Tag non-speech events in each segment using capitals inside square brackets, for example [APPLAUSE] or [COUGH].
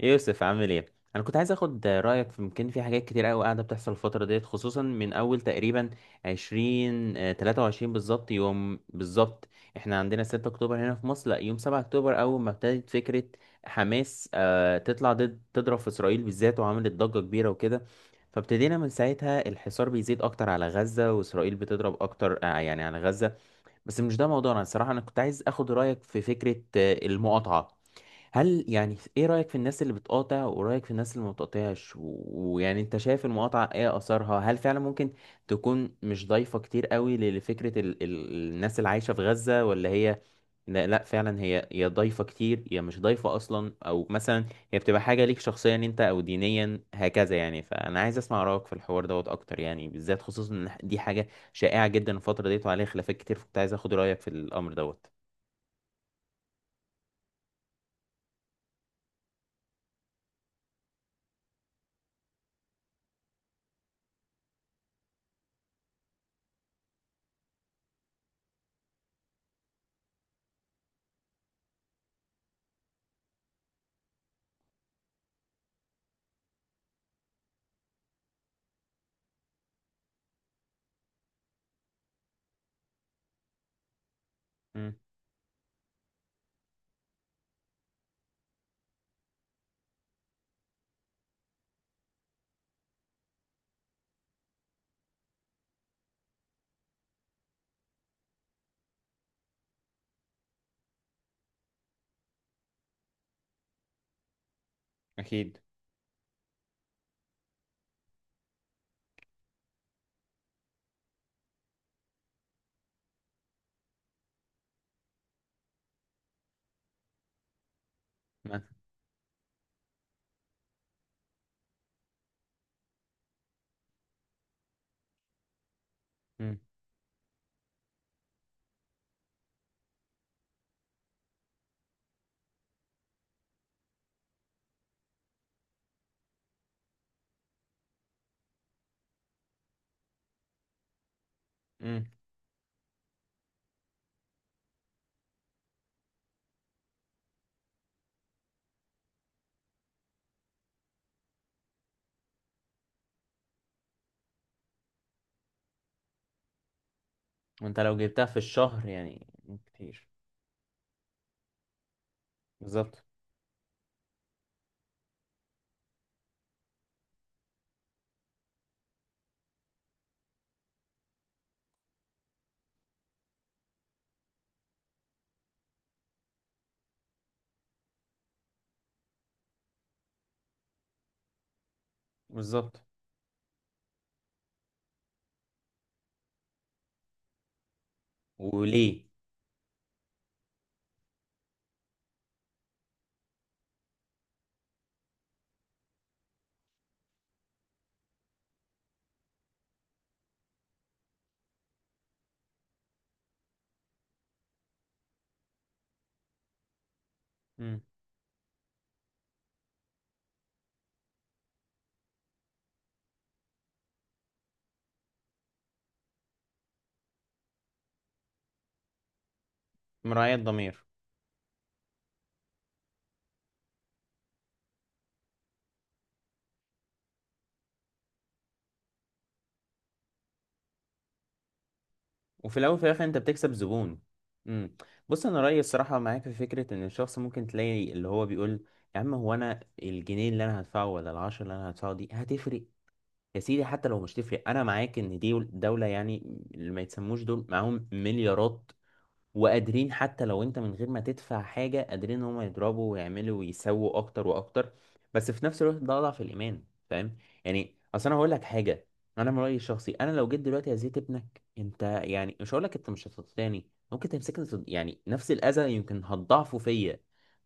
يوسف عامل ايه؟ انا كنت عايز اخد رايك في يمكن في حاجات كتير قوي قاعده بتحصل الفتره ديت، خصوصا من اول تقريبا 20 23 بالظبط، يوم بالظبط. احنا عندنا 6 اكتوبر هنا في مصر، لا يوم 7 اكتوبر اول ما ابتدت فكره حماس تطلع ضد، تضرب في اسرائيل بالذات، وعملت ضجه كبيره وكده. فابتدينا من ساعتها الحصار بيزيد اكتر على غزه، واسرائيل بتضرب اكتر، يعني على غزه. بس مش ده موضوعنا الصراحه. انا كنت عايز اخد رايك في فكره المقاطعه. هل يعني ايه رأيك في الناس اللي بتقاطع، ورأيك في الناس اللي ما بتقاطعش، و- ويعني انت شايف المقاطعة ايه اثرها؟ هل فعلا ممكن تكون مش ضايفة كتير قوي ل- لفكرة ال ال الناس اللي عايشة في غزة، ولا هي؟ لا, فعلا هي ضايفة كتير، هي مش ضايفة اصلا، او مثلا هي بتبقى حاجة ليك شخصيا انت، او دينيا هكذا، يعني. فانا عايز اسمع رأيك في الحوار دوت اكتر، يعني بالذات، خصوصا ان دي حاجة شائعة جدا الفترة ديت وعليها خلافات كتير، فكنت عايز اخد رأيك في الامر دوت. مم، اكيد. ما- مم، مم. وانت لو جبتها في الشهر يعني كتير. بالظبط. بالظبط. وليه. مم. مراعية ضمير. وفي الاول وفي الاخر انت بتكسب زبون. مم. بص، انا رايي الصراحه معاك في فكره ان الشخص ممكن تلاقي اللي هو بيقول: يا عم، هو انا الجنيه اللي انا هدفعه، ولا العشرة اللي انا هدفعه دي هتفرق؟ يا سيدي، حتى لو مش تفرق، انا معاك ان دي دولة، يعني اللي ما يتسموش دول معاهم مليارات، وقادرين حتى لو انت من غير ما تدفع حاجة، قادرين ان هم يضربوا ويعملوا ويسووا اكتر واكتر. بس في نفس الوقت ده اضعف الايمان، فاهم؟ يعني اصل انا هقول لك حاجة. انا من رأيي الشخصي، انا لو جيت دلوقتي اذيت ابنك انت، يعني مش هقول لك انت مش هتطلعني، ممكن تمسكني يعني نفس الاذى يمكن هتضاعفه فيا.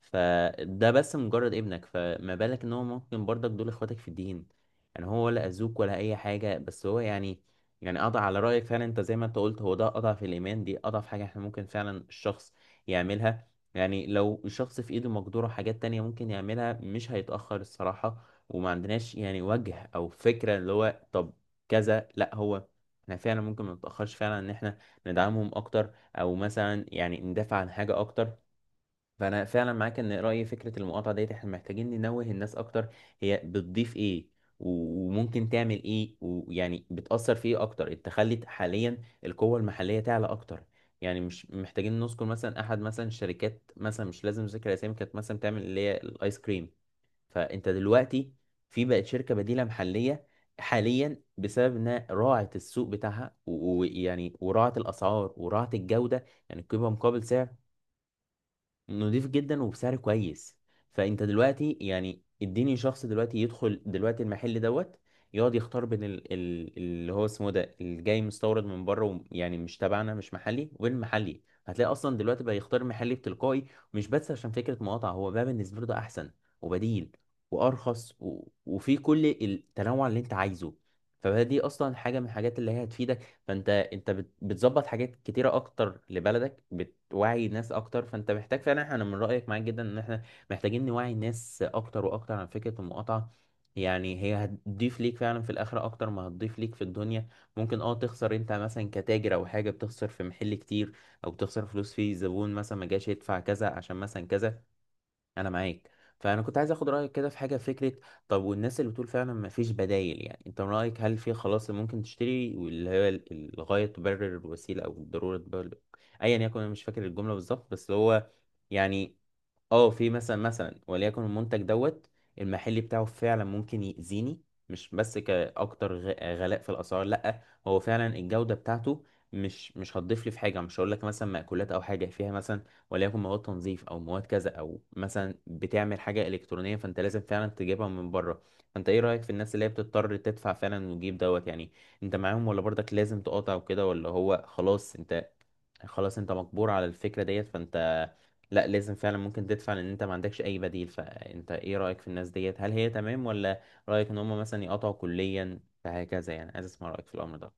فده بس مجرد ابنك، فما بالك ان هو ممكن برضك دول اخواتك في الدين. يعني هو ولا اذوك ولا اي حاجة، بس هو يعني، يعني قطع على رأيك فعلا. انت زي ما انت قلت، هو ده قطع في الإيمان، دي قطع في حاجة احنا ممكن فعلا الشخص يعملها. يعني لو الشخص في ايده مقدورة حاجات تانية ممكن يعملها، مش هيتأخر الصراحة. وما عندناش يعني وجه أو فكرة اللي هو طب كذا، لا هو احنا فعلا ممكن ما نتأخرش فعلا ان احنا ندعمهم اكتر، او مثلا يعني ندافع عن حاجة اكتر. فانا فعلا معاك ان رايي فكره المقاطعه ديت احنا محتاجين ننوه الناس اكتر. هي بتضيف ايه، و- وممكن تعمل ايه، ويعني بتاثر في ايه اكتر. انت خلت حاليا القوه المحليه تعلى اكتر. يعني مش محتاجين نذكر مثلا احد، مثلا الشركات، مثلا مش لازم ذكر اسامي، كانت مثلا بتعمل اللي هي الايس كريم. فانت دلوقتي في بقت شركه بديله محليه حاليا بسبب انها راعت السوق بتاعها، و- ويعني وراعت الاسعار وراعت الجوده، يعني قيمه مقابل سعر. نضيف جدا وبسعر كويس. فانت دلوقتي يعني اديني شخص دلوقتي يدخل دلوقتي المحل دوت يقعد يختار بين اللي هو اسمه ده اللي جاي مستورد من بره، وم- يعني مش تبعنا، مش محلي، والمحلي هتلاقي اصلا دلوقتي بقى يختار محلي بتلقائي. مش بس عشان فكرة مقاطعة، هو بقى بالنسبة له ده احسن وبديل وارخص، و... وفي كل التنوع اللي انت عايزه. فدي اصلا حاجة من الحاجات اللي هي هتفيدك. فانت بتظبط حاجات كتيره اكتر لبلدك، بتوعي ناس اكتر. فانت محتاج فعلا، احنا، انا من رايك معاك جدا، ان احنا محتاجين نوعي الناس اكتر واكتر عن فكره المقاطعه. يعني هي هتضيف ليك فعلا في الاخره اكتر ما هتضيف ليك في الدنيا. ممكن اه تخسر انت مثلا كتاجر، او حاجه بتخسر في محل كتير، او بتخسر فلوس فيه، زبون مثلا ما جاش يدفع كذا عشان مثلا كذا. انا معاك. فانا كنت عايز اخد رايك كده في حاجه، في فكره. طب والناس اللي بتقول فعلا ما فيش بدايل، يعني انت من رايك هل في خلاص اللي ممكن تشتري، واللي هي الغايه تبرر الوسيله، او الضروره تبرر ايا يكن؟ انا مش فاكر الجمله بالظبط، بس هو يعني، اه في مثلا، مثلا وليكن المنتج دوت المحلي بتاعه فعلا ممكن يأذيني، مش بس غلاء في الأسعار، لأ، هو فعلا الجودة بتاعته مش هتضيف لي في حاجة. مش هقول لك مثلا مأكولات أو حاجة فيها، مثلا وليكن مواد تنظيف، أو مواد كذا، أو مثلا بتعمل حاجة إلكترونية فأنت لازم فعلا تجيبها من بره. فأنت إيه رأيك في الناس اللي هي بتضطر تدفع فعلا وتجيب دوت يعني؟ أنت معاهم، ولا برضك لازم تقاطع وكده، ولا هو خلاص أنت، خلاص أنت مجبور على الفكرة ديت، فأنت لا لازم فعلا ممكن تدفع لان انت ما عندكش اي بديل؟ فانت ايه رأيك في الناس ديت، هل هي تمام، ولا رأيك ان هم مثلا يقطعوا كليا فهكذا؟ يعني عايز اسمع رأيك في الامر ده.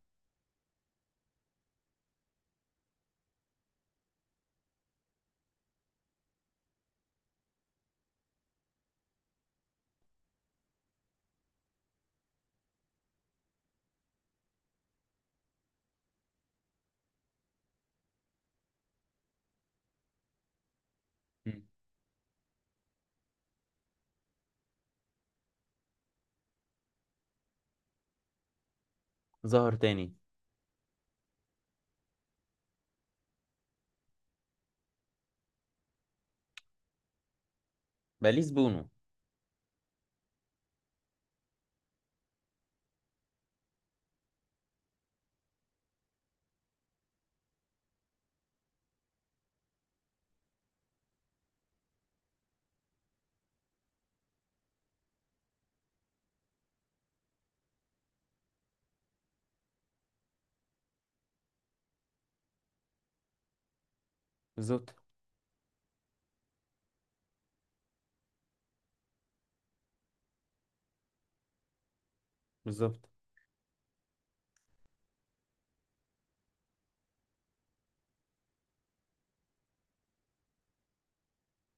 مم. ظاهر تاني. بليز بونو. بالظبط. بالظبط.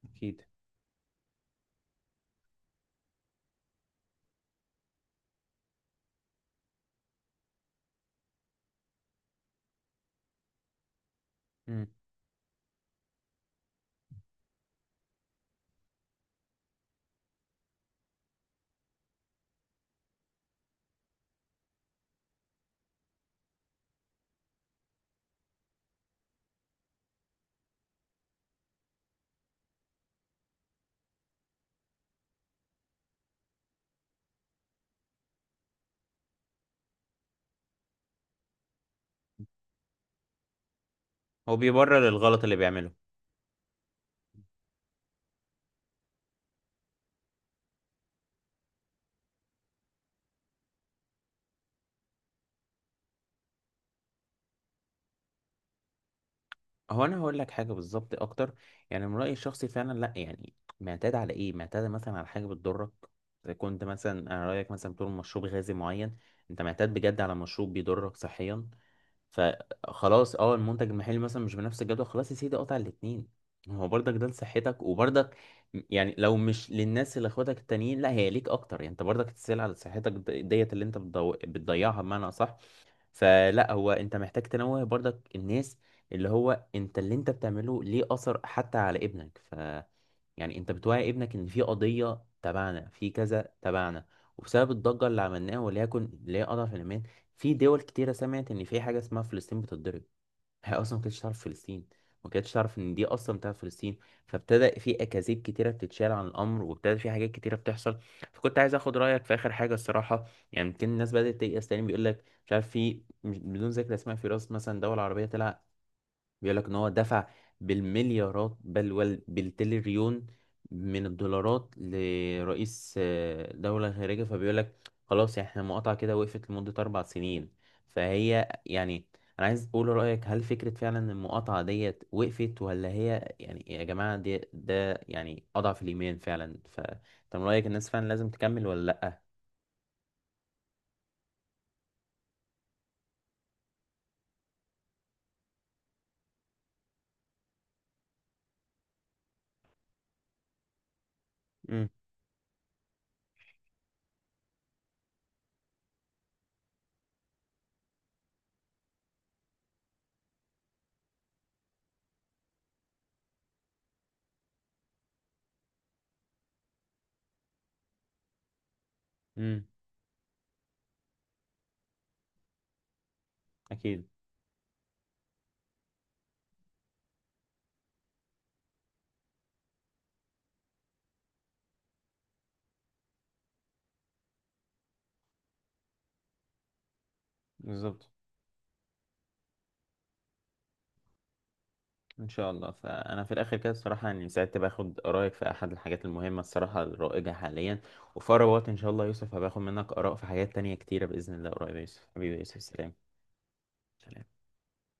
اكيد. مم. هو بيبرر الغلط اللي بيعمله. هو انا هقول لك حاجه بالظبط اكتر. يعني من رايي الشخصي فعلا، لا يعني معتاد على ايه؟ معتاد مثلا على حاجه بتضرك. اذا كنت مثلا، انا رايك مثلا، بتقول مشروب غازي معين، انت معتاد بجد على مشروب بيضرك صحيا، فخلاص اه المنتج المحلي مثلا مش بنفس الجودة، خلاص يا سيدي قطع الاتنين. هو برضك ده لصحتك، وبرضك يعني لو مش للناس اللي اخواتك التانيين، لا هي ليك اكتر. يعني انت برضك تسأل على صحتك ديت اللي انت بتضيعها بمعنى اصح. فلا هو انت محتاج تنوه برضك الناس اللي هو انت اللي انت بتعمله ليه اثر حتى على ابنك. يعني انت بتوعي ابنك ان في قضية تبعنا، في كذا تبعنا، وبسبب الضجة اللي عملناها، وليكن اللي هي اضعف الايمان، في دول كتيرة سمعت ان في حاجة اسمها فلسطين بتتضرب. [LAUGHS] هي اصلا ما كانتش تعرف فلسطين، ما كانتش تعرف ان دي اصلا بتاعت فلسطين. فابتدى في اكاذيب كتيرة بتتشال عن الامر، وابتدى في حاجات كتيرة بتحصل. فكنت عايز اخد رايك في اخر حاجة الصراحة. يعني يمكن الناس بدأت تيأس تاني. بيقول لك مش عارف، في بدون ذكر اسماء، في راس مثلا دول عربية طلع بيقول لك ان هو دفع بالمليارات، بل وال- بالتريليون من الدولارات لرئيس دولة خارجية، فبيقول لك خلاص يعني احنا المقاطعة كده وقفت لمدة 4 سنين. فهي يعني أنا عايز أقول رأيك، هل فكرة فعلا إن المقاطعة ديت وقفت، ولا هي يعني يا جماعة دي ده يعني أضعف الإيمان فعلا؟ فأنت من رأيك الناس فعلا لازم تكمل ولا لأ؟ امم. امم. أكيد. بالظبط. ان شاء الله. فانا في الاخر كده الصراحه يعني سعدت باخد رايك في احد الحاجات المهمه الصراحه الرائجه حاليا. وفي اقرب وقت ان شاء الله يا يوسف هباخد منك اراء في حاجات تانية كتيره باذن الله قريب. يا يوسف، حبيبي يا يوسف، سلام. سلام.